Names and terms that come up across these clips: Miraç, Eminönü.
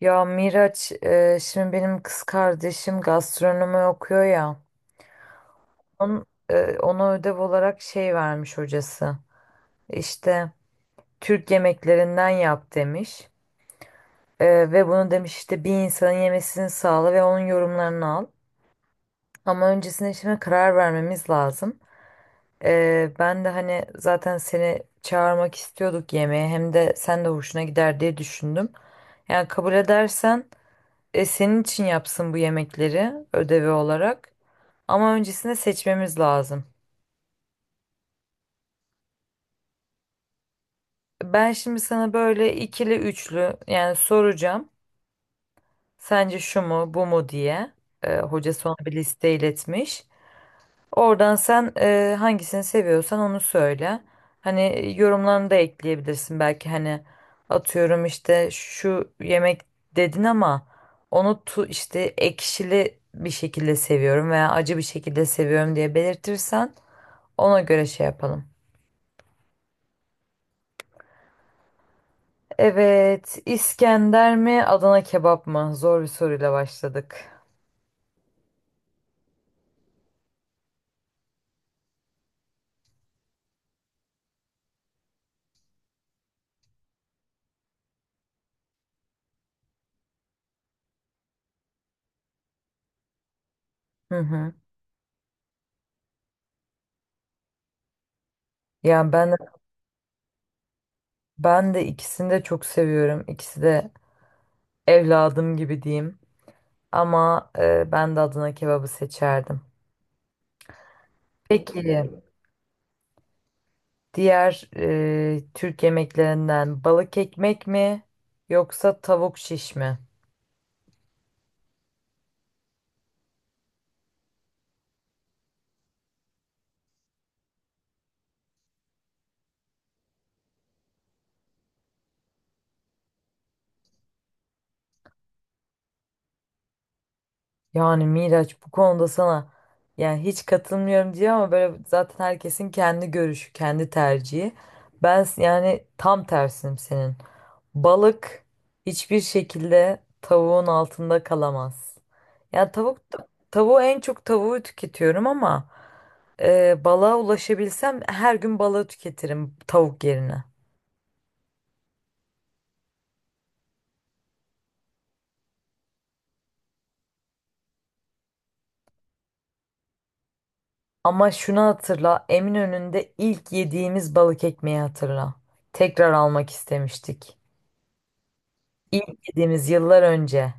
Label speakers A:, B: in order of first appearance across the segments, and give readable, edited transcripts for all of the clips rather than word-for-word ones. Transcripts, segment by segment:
A: Ya Miraç, şimdi benim kız kardeşim gastronomi okuyor ya. Onun, ona ödev olarak şey vermiş hocası. İşte Türk yemeklerinden yap demiş. Ve bunu demiş işte bir insanın yemesini sağla ve onun yorumlarını al. Ama öncesinde şimdi karar vermemiz lazım. Ben de hani zaten seni çağırmak istiyorduk yemeğe. Hem de sen de hoşuna gider diye düşündüm. Yani kabul edersen. Senin için yapsın bu yemekleri ödevi olarak. Ama öncesinde seçmemiz lazım. Ben şimdi sana böyle ikili üçlü yani soracağım. Sence şu mu bu mu diye. Hoca son bir liste iletmiş. Oradan sen hangisini seviyorsan onu söyle. Hani yorumlarını da ekleyebilirsin belki hani atıyorum işte şu yemek dedin ama onu tu işte ekşili bir şekilde seviyorum veya acı bir şekilde seviyorum diye belirtirsen ona göre şey yapalım. Evet, İskender mi, Adana kebap mı? Zor bir soruyla başladık. Hı hı. Yani ben de, ben de ikisini de çok seviyorum. İkisi de evladım gibi diyeyim. Ama ben de Adana kebabı seçerdim. Peki, diğer Türk yemeklerinden balık ekmek mi yoksa tavuk şiş mi? Yani Miraç bu konuda sana yani hiç katılmıyorum diyor ama böyle zaten herkesin kendi görüşü, kendi tercihi. Yani tam tersinim senin. Balık hiçbir şekilde tavuğun altında kalamaz. Yani tavuğu en çok tavuğu tüketiyorum ama balığa ulaşabilsem her gün balığı tüketirim tavuk yerine. Ama şunu hatırla, Eminönü'nde ilk yediğimiz balık ekmeği hatırla. Tekrar almak istemiştik. İlk yediğimiz yıllar önce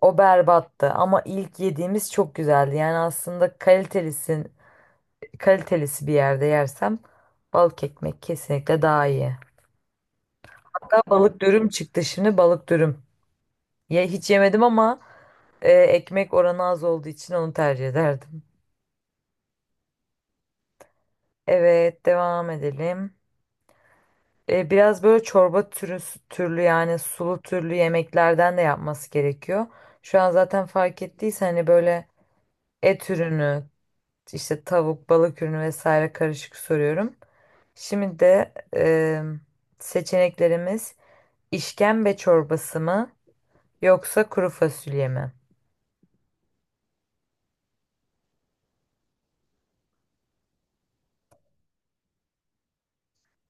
A: o berbattı ama ilk yediğimiz çok güzeldi. Yani aslında kalitelisin, kalitelisi bir yerde yersem balık ekmek kesinlikle daha iyi. Hatta balık dürüm çıktı şimdi balık dürüm. Ya hiç yemedim ama ekmek oranı az olduğu için onu tercih ederdim. Evet devam edelim. Biraz böyle çorba türü, türlü yani sulu türlü yemeklerden de yapması gerekiyor. Şu an zaten fark ettiysen hani böyle et ürünü, İşte tavuk, balık ürünü vesaire karışık soruyorum. Şimdi de seçeneklerimiz işkembe çorbası mı yoksa kuru fasulye mi?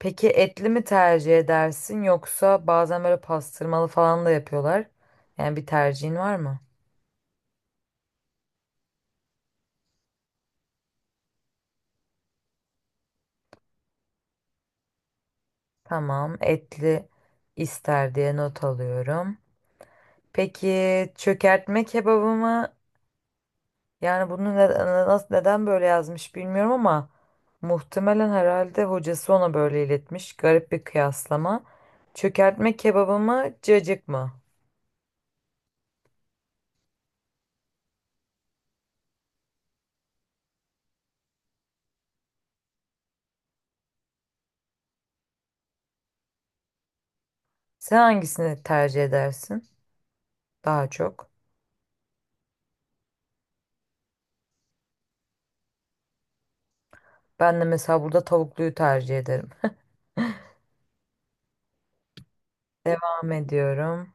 A: Peki etli mi tercih edersin yoksa bazen böyle pastırmalı falan da yapıyorlar. Yani bir tercihin var mı? Tamam, etli ister diye not alıyorum. Peki çökertme kebabı mı Yani bunu ne- nasıl neden böyle yazmış bilmiyorum ama muhtemelen herhalde hocası ona böyle iletmiş. Garip bir kıyaslama. Çökertme kebabı mı, cacık mı? Sen hangisini tercih edersin daha çok? Ben de mesela burada tavukluyu tercih ederim. Devam ediyorum.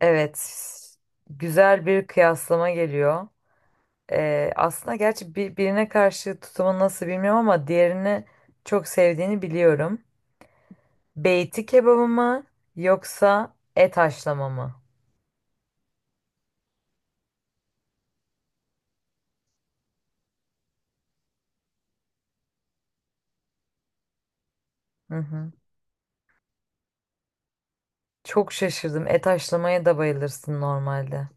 A: Evet, güzel bir kıyaslama geliyor. Aslında gerçi birine karşı tutumun nasıl bilmiyorum ama diğerini çok sevdiğini biliyorum. Beyti kebabı mı yoksa et haşlama mı? Hı hı. Çok şaşırdım. Et haşlamaya da bayılırsın normalde.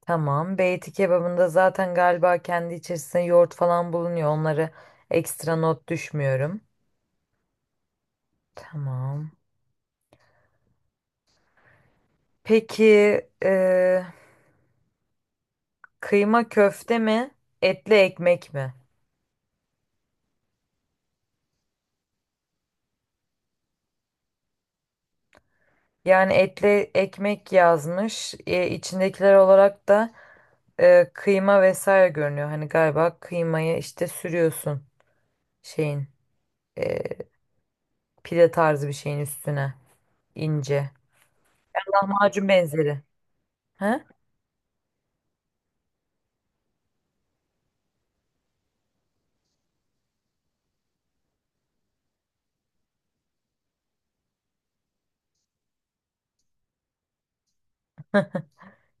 A: Tamam. Beyti kebabında zaten galiba kendi içerisinde yoğurt falan bulunuyor. Onları ekstra not düşmüyorum. Tamam. Peki e, kıyma köfte mi? Etli ekmek mi? Yani etli ekmek yazmış. İçindekiler olarak da kıyma vesaire görünüyor. Hani galiba kıymayı işte sürüyorsun şeyin. e, Pide tarzı bir şeyin üstüne ince. Lahmacun benzeri. He?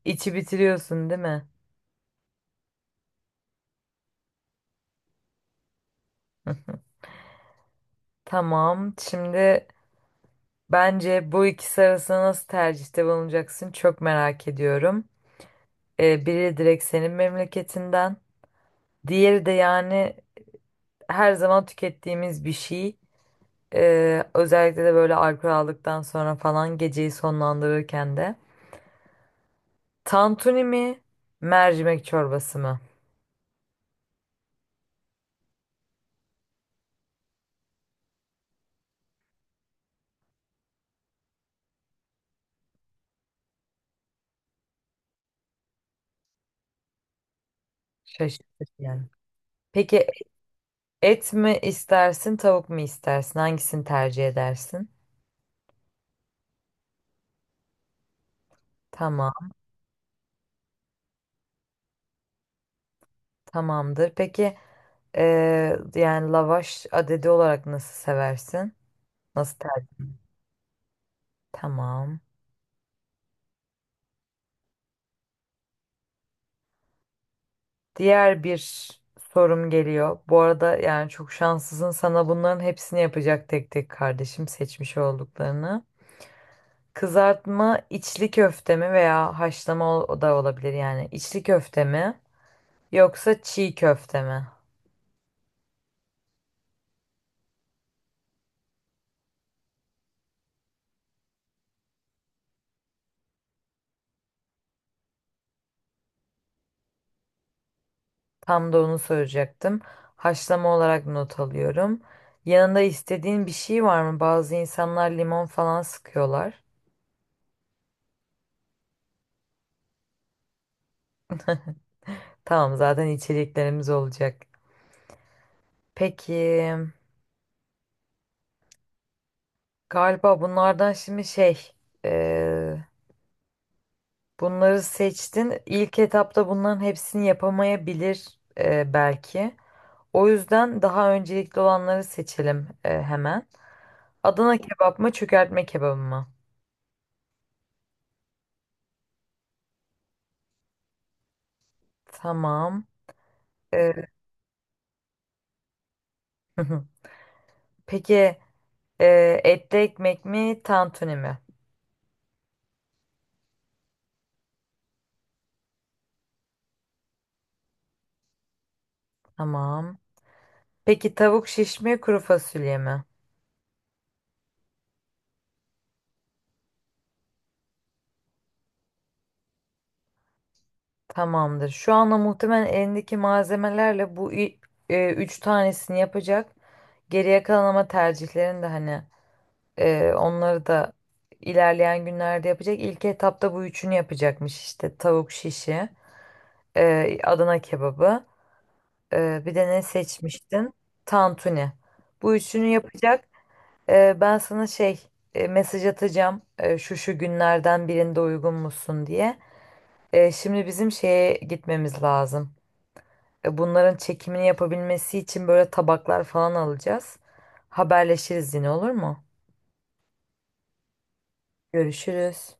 A: İçi bitiriyorsun değil mi? Tamam. Şimdi bence bu ikisi arasında nasıl tercihte bulunacaksın çok merak ediyorum. Biri direkt senin memleketinden. Diğeri de yani her zaman tükettiğimiz bir şey. Özellikle de böyle alkol aldıktan sonra falan geceyi sonlandırırken de. Tantuni mi? Mercimek çorbası mı? Şaşırtıcı yani. Peki et mi istersin, tavuk mu istersin? Hangisini tercih edersin? Tamam, tamamdır. Peki yani lavaş adedi olarak nasıl seversin? Nasıl tercih? Tamam. Diğer bir sorum geliyor. Bu arada yani çok şanslısın. Sana bunların hepsini yapacak tek tek kardeşim seçmiş olduklarını. Kızartma içli köfte mi veya haşlama o da olabilir yani. İçli köfte mi yoksa çiğ köfte mi? Tam da onu soracaktım. Haşlama olarak not alıyorum. Yanında istediğin bir şey var mı? Bazı insanlar limon falan sıkıyorlar. Tamam zaten içeceklerimiz olacak. Peki galiba bunlardan şimdi şey eee, bunları seçtin. İlk etapta bunların hepsini yapamayabilir belki. O yüzden daha öncelikli olanları seçelim hemen. Adana kebap mı çökertme kebabı mı? Tamam. Eee, Peki. Etli ekmek mi, tantuni mi? Tamam. Peki tavuk şiş mi, kuru fasulye mi? Tamamdır. Şu anda muhtemelen elindeki malzemelerle üç tanesini yapacak. Geriye kalan ama tercihlerin de hani onları da ilerleyen günlerde yapacak. İlk etapta bu üçünü yapacakmış işte. Tavuk şişi, Adana kebabı, bir de ne seçmiştin? Tantuni. Bu üçünü yapacak. Ben sana şey mesaj atacağım şu şu günlerden birinde uygun musun diye. Şimdi bizim şeye gitmemiz lazım. Bunların çekimini yapabilmesi için böyle tabaklar falan alacağız. Haberleşiriz yine olur mu? Görüşürüz.